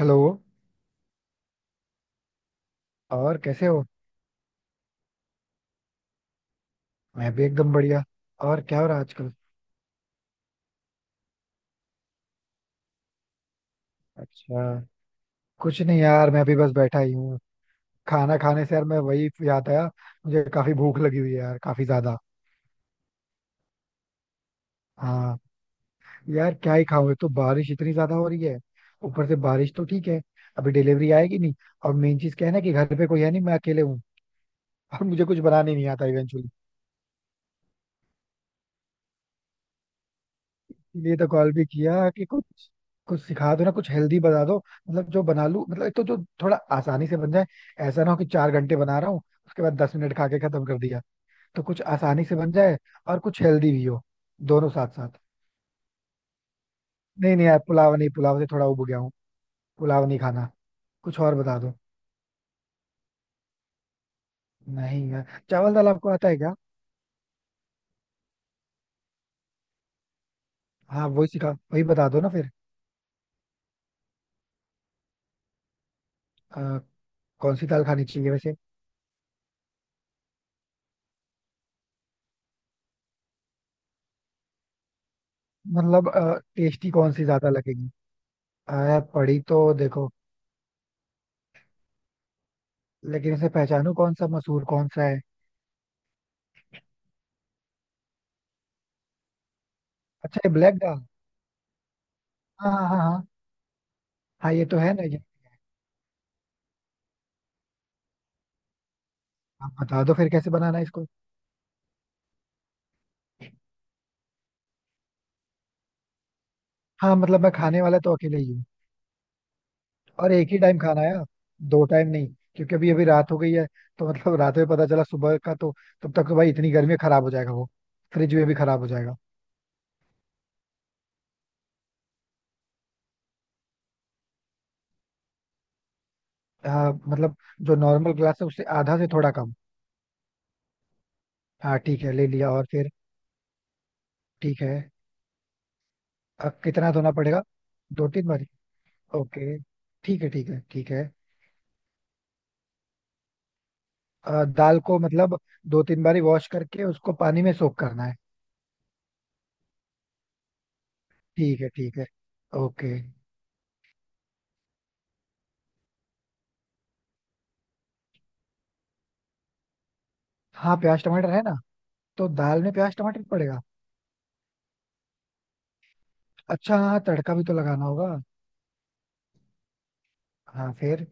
Hello. और कैसे हो? मैं भी एकदम बढ़िया। और क्या हो रहा है आजकल? अच्छा, कुछ नहीं यार, मैं भी बस बैठा ही हूँ। खाना खाने से यार मैं, वही याद आया। मुझे काफी भूख लगी हुई है यार, काफी ज्यादा। हाँ, यार क्या ही खाऊं, एक तो बारिश इतनी ज्यादा हो रही है। ऊपर से बारिश तो ठीक है, अभी डिलीवरी आएगी नहीं। और मेन चीज क्या है ना कि घर पे कोई है नहीं, मैं अकेले हूँ। और मुझे कुछ बनाने नहीं आता इवेंचुअली। लिए तो कॉल भी किया कि कुछ कुछ सिखा दो ना, कुछ हेल्दी बता दो। मतलब जो बना लूं, मतलब एक तो जो थोड़ा आसानी से बन जाए। ऐसा ना हो कि 4 घंटे बना रहा हूँ, उसके बाद 10 मिनट खा के खत्म कर दिया। तो कुछ आसानी से बन जाए, और कुछ हेल्दी भी हो, दोनों साथ साथ। नहीं नहीं यार, पुलाव नहीं। पुलाव से थोड़ा उब गया हूँ। पुलाव नहीं खाना। कुछ और बता दो। नहीं यार। चावल दाल आपको आता है क्या? हाँ वही सिखा, वही बता दो ना फिर। अ, कौन सी दाल खानी चाहिए वैसे? मतलब टेस्टी कौन सी ज्यादा लगेगी? यार पड़ी तो देखो। लेकिन इसे पहचानू कौन सा मसूर कौन सा है। अच्छा, ये ब्लैक दाल। हाँ हाँ हाँ हाँ। हाँ ये तो है ना, ये। आप बता दो फिर कैसे बनाना है इसको। हाँ मतलब मैं खाने वाला तो अकेले ही हूँ। और एक ही टाइम खाना है यार, दो टाइम नहीं। क्योंकि अभी अभी रात हो गई है। तो मतलब रात में पता चला सुबह का तो, तब तक तो भाई इतनी गर्मी में खराब हो जाएगा वो। फ्रिज में भी खराब हो जाएगा। हाँ मतलब, जो नॉर्मल ग्लास है उससे आधा से थोड़ा कम। हाँ ठीक है, ले लिया। और फिर? ठीक है। अब कितना धोना पड़ेगा? दो तीन बारी? ओके, ठीक है ठीक है ठीक है। दाल को मतलब दो तीन बारी वॉश करके उसको पानी में सोक करना है? ठीक है ठीक है। ओके। हाँ प्याज टमाटर है ना। तो दाल में प्याज टमाटर पड़ेगा? अच्छा हाँ, तड़का भी तो लगाना होगा। हाँ फिर?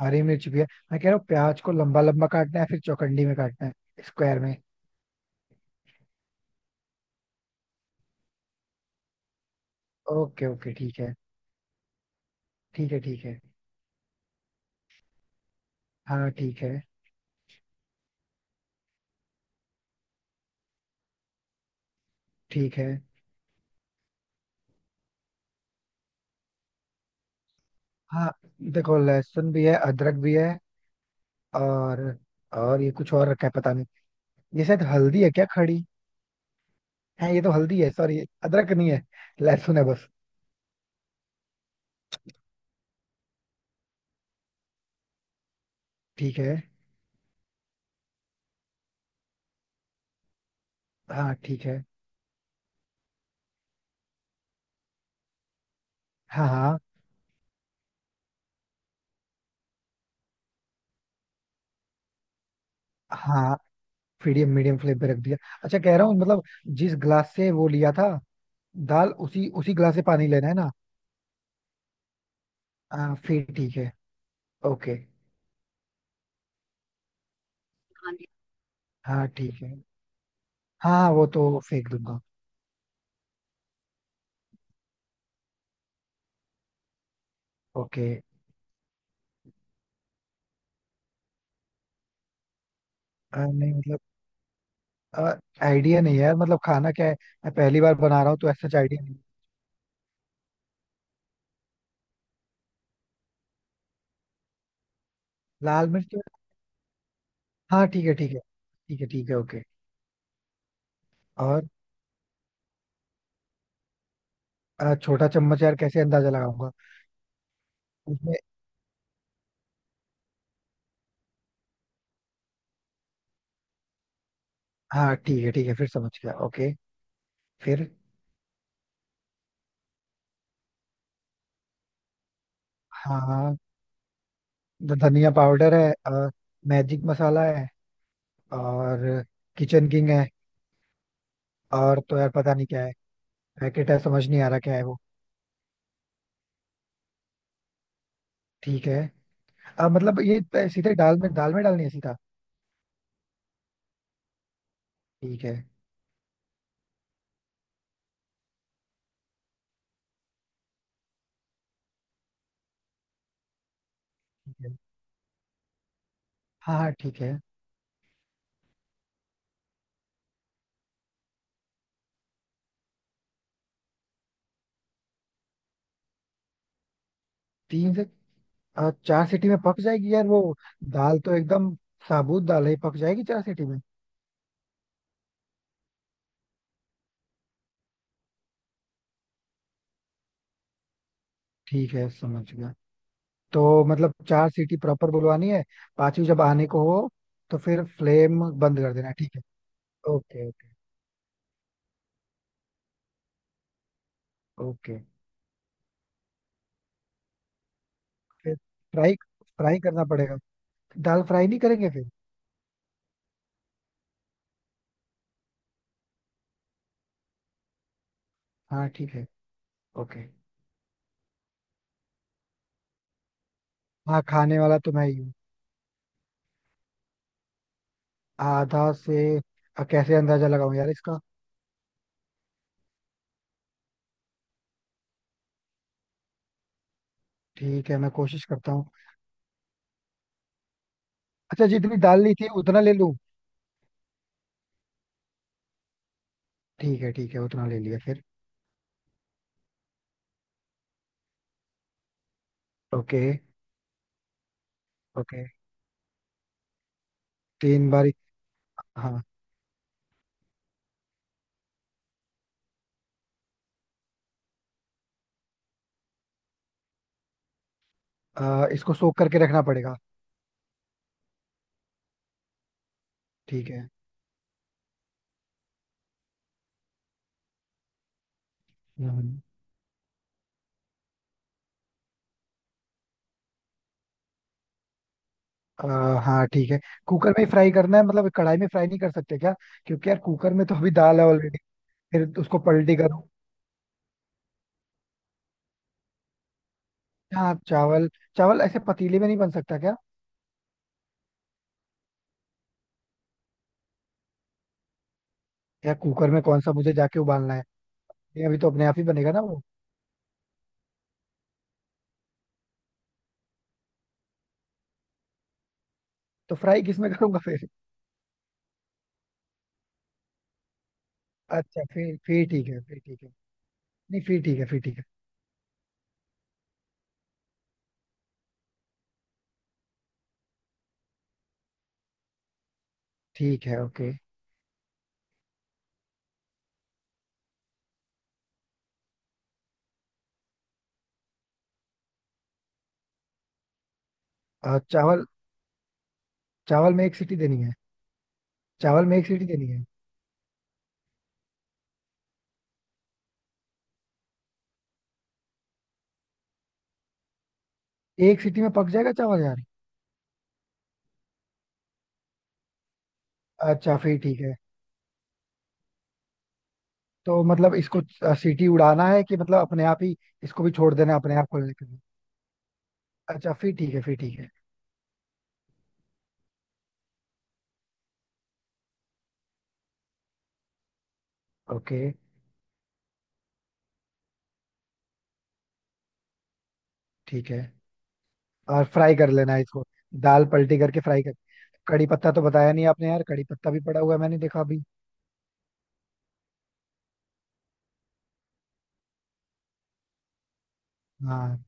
हरी मिर्च भी है। मैं कह रहा हूँ प्याज को लंबा लंबा काटना है, फिर चौकंडी में काटना है, स्क्वायर में? ओके ओके ठीक है ठीक है ठीक है। हाँ ठीक है ठीक है। हाँ। देखो लहसुन भी है, अदरक भी है। और और ये कुछ और रखा है, पता नहीं। ये शायद हल्दी है क्या खड़ी? है, ये तो हल्दी है, सॉरी। अदरक नहीं है, लहसुन है बस। ठीक है। हाँ ठीक है। हाँ हाँ हाँ। मीडियम मीडियम फ्लेम पे रख दिया। अच्छा, कह रहा हूँ मतलब, जिस ग्लास से वो लिया था दाल, उसी उसी ग्लास से पानी लेना है ना? हाँ फिर ठीक है ओके। हाँ जी। हाँ ठीक है। हाँ हाँ, वो तो फेंक दूंगा। ओके। नहीं मतलब आइडिया नहीं है यार, मतलब खाना क्या है। मैं पहली बार बना रहा हूँ तो ऐसा आइडिया नहीं। लाल मिर्च तो? हाँ ठीक है ठीक है, ठीक है ठीक है ओके। और? छोटा चम्मच यार, कैसे अंदाजा लगाऊंगा? हाँ ठीक है ठीक है, फिर समझ गया ओके। फिर? हाँ हाँ। धनिया पाउडर है, और मैजिक मसाला है, और किचन किंग है। और तो यार पता नहीं क्या है, पैकेट है, समझ नहीं आ रहा क्या है वो। ठीक है। अब मतलब ये सीधे दाल में डालनी है सीधा? ठीक है ठीक है। हाँ हाँ ठीक है। तीन से, चार सीटी में पक जाएगी यार वो? दाल तो एकदम, साबुत दाल है, पक जाएगी चार सीटी में। ठीक है समझ गया। तो मतलब चार सीटी प्रॉपर बुलवानी है? पांचवी जब आने को हो तो फिर फ्लेम बंद कर देना ठीक है? Okay okay okay. फिर? फ्राई फ्राई करना पड़ेगा? दाल फ्राई नहीं करेंगे फिर? हाँ ठीक है ओके। हाँ, खाने वाला तो मैं ही हूँ। आधा से, कैसे अंदाजा लगाऊं यार इसका? ठीक है मैं कोशिश करता हूँ। अच्छा जितनी दाल ली थी उतना ले लूँ? ठीक है ठीक है, उतना ले लिया। फिर? Okay okay. तीन बारी? हाँ। इसको सोख करके रखना पड़ेगा? ठीक है। हम्म। आ, हाँ ठीक है। कुकर में ही फ्राई करना है मतलब? कढ़ाई में फ्राई नहीं कर सकते क्या? क्योंकि यार कुकर में तो अभी दाल है ऑलरेडी। फिर उसको पलटी करो। हाँ चावल चावल ऐसे पतीले में नहीं बन सकता क्या? यार कुकर में कौन सा मुझे जाके उबालना है? ये अभी तो अपने आप ही बनेगा ना वो। तो फ्राई किस में करूंगा फिर? अच्छा फिर ठीक है। फिर ठीक है। नहीं फिर ठीक है, फिर ठीक है ओके। चावल? चावल में एक सीटी देनी है? चावल में एक सीटी देनी है? एक सीटी में पक जाएगा चावल यार? अच्छा फिर ठीक है। तो मतलब इसको सीटी उड़ाना है कि मतलब अपने आप ही? इसको भी छोड़ देना है अपने आप को लेकर? अच्छा फिर ठीक है, फिर ठीक है ओके ठीक है। और फ्राई कर लेना है इसको? दाल पलटी करके फ्राई कर? कड़ी पत्ता तो बताया नहीं आपने यार, कड़ी पत्ता भी पड़ा हुआ है मैंने देखा अभी। हाँ।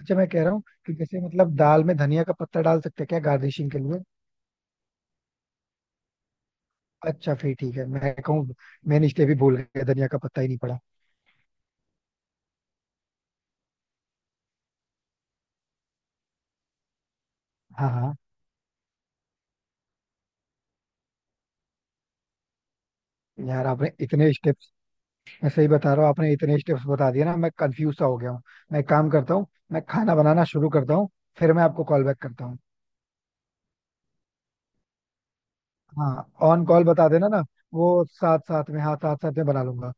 अच्छा मैं कह रहा हूँ कि जैसे मतलब दाल में धनिया का पत्ता डाल सकते हैं क्या गार्निशिंग के लिए? अच्छा फिर ठीक है, मैं कहूँ। मैंने स्टेप ही भूल गया, धनिया का पत्ता ही नहीं पड़ा। हाँ हाँ। यार आपने इतने स्टेप, मैं सही बता रहा हूँ आपने इतने स्टेप्स बता दिए ना, मैं कंफ्यूज सा हो गया हूँ। मैं एक काम करता हूँ, मैं खाना बनाना शुरू करता हूँ, फिर मैं आपको कॉल बैक करता हूँ। हाँ ऑन कॉल बता देना ना, वो साथ साथ में, हाँ साथ साथ में बना लूंगा।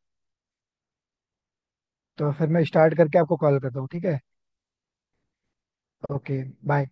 तो फिर मैं स्टार्ट करके आपको कॉल करता हूँ ठीक है? ओके। बाय।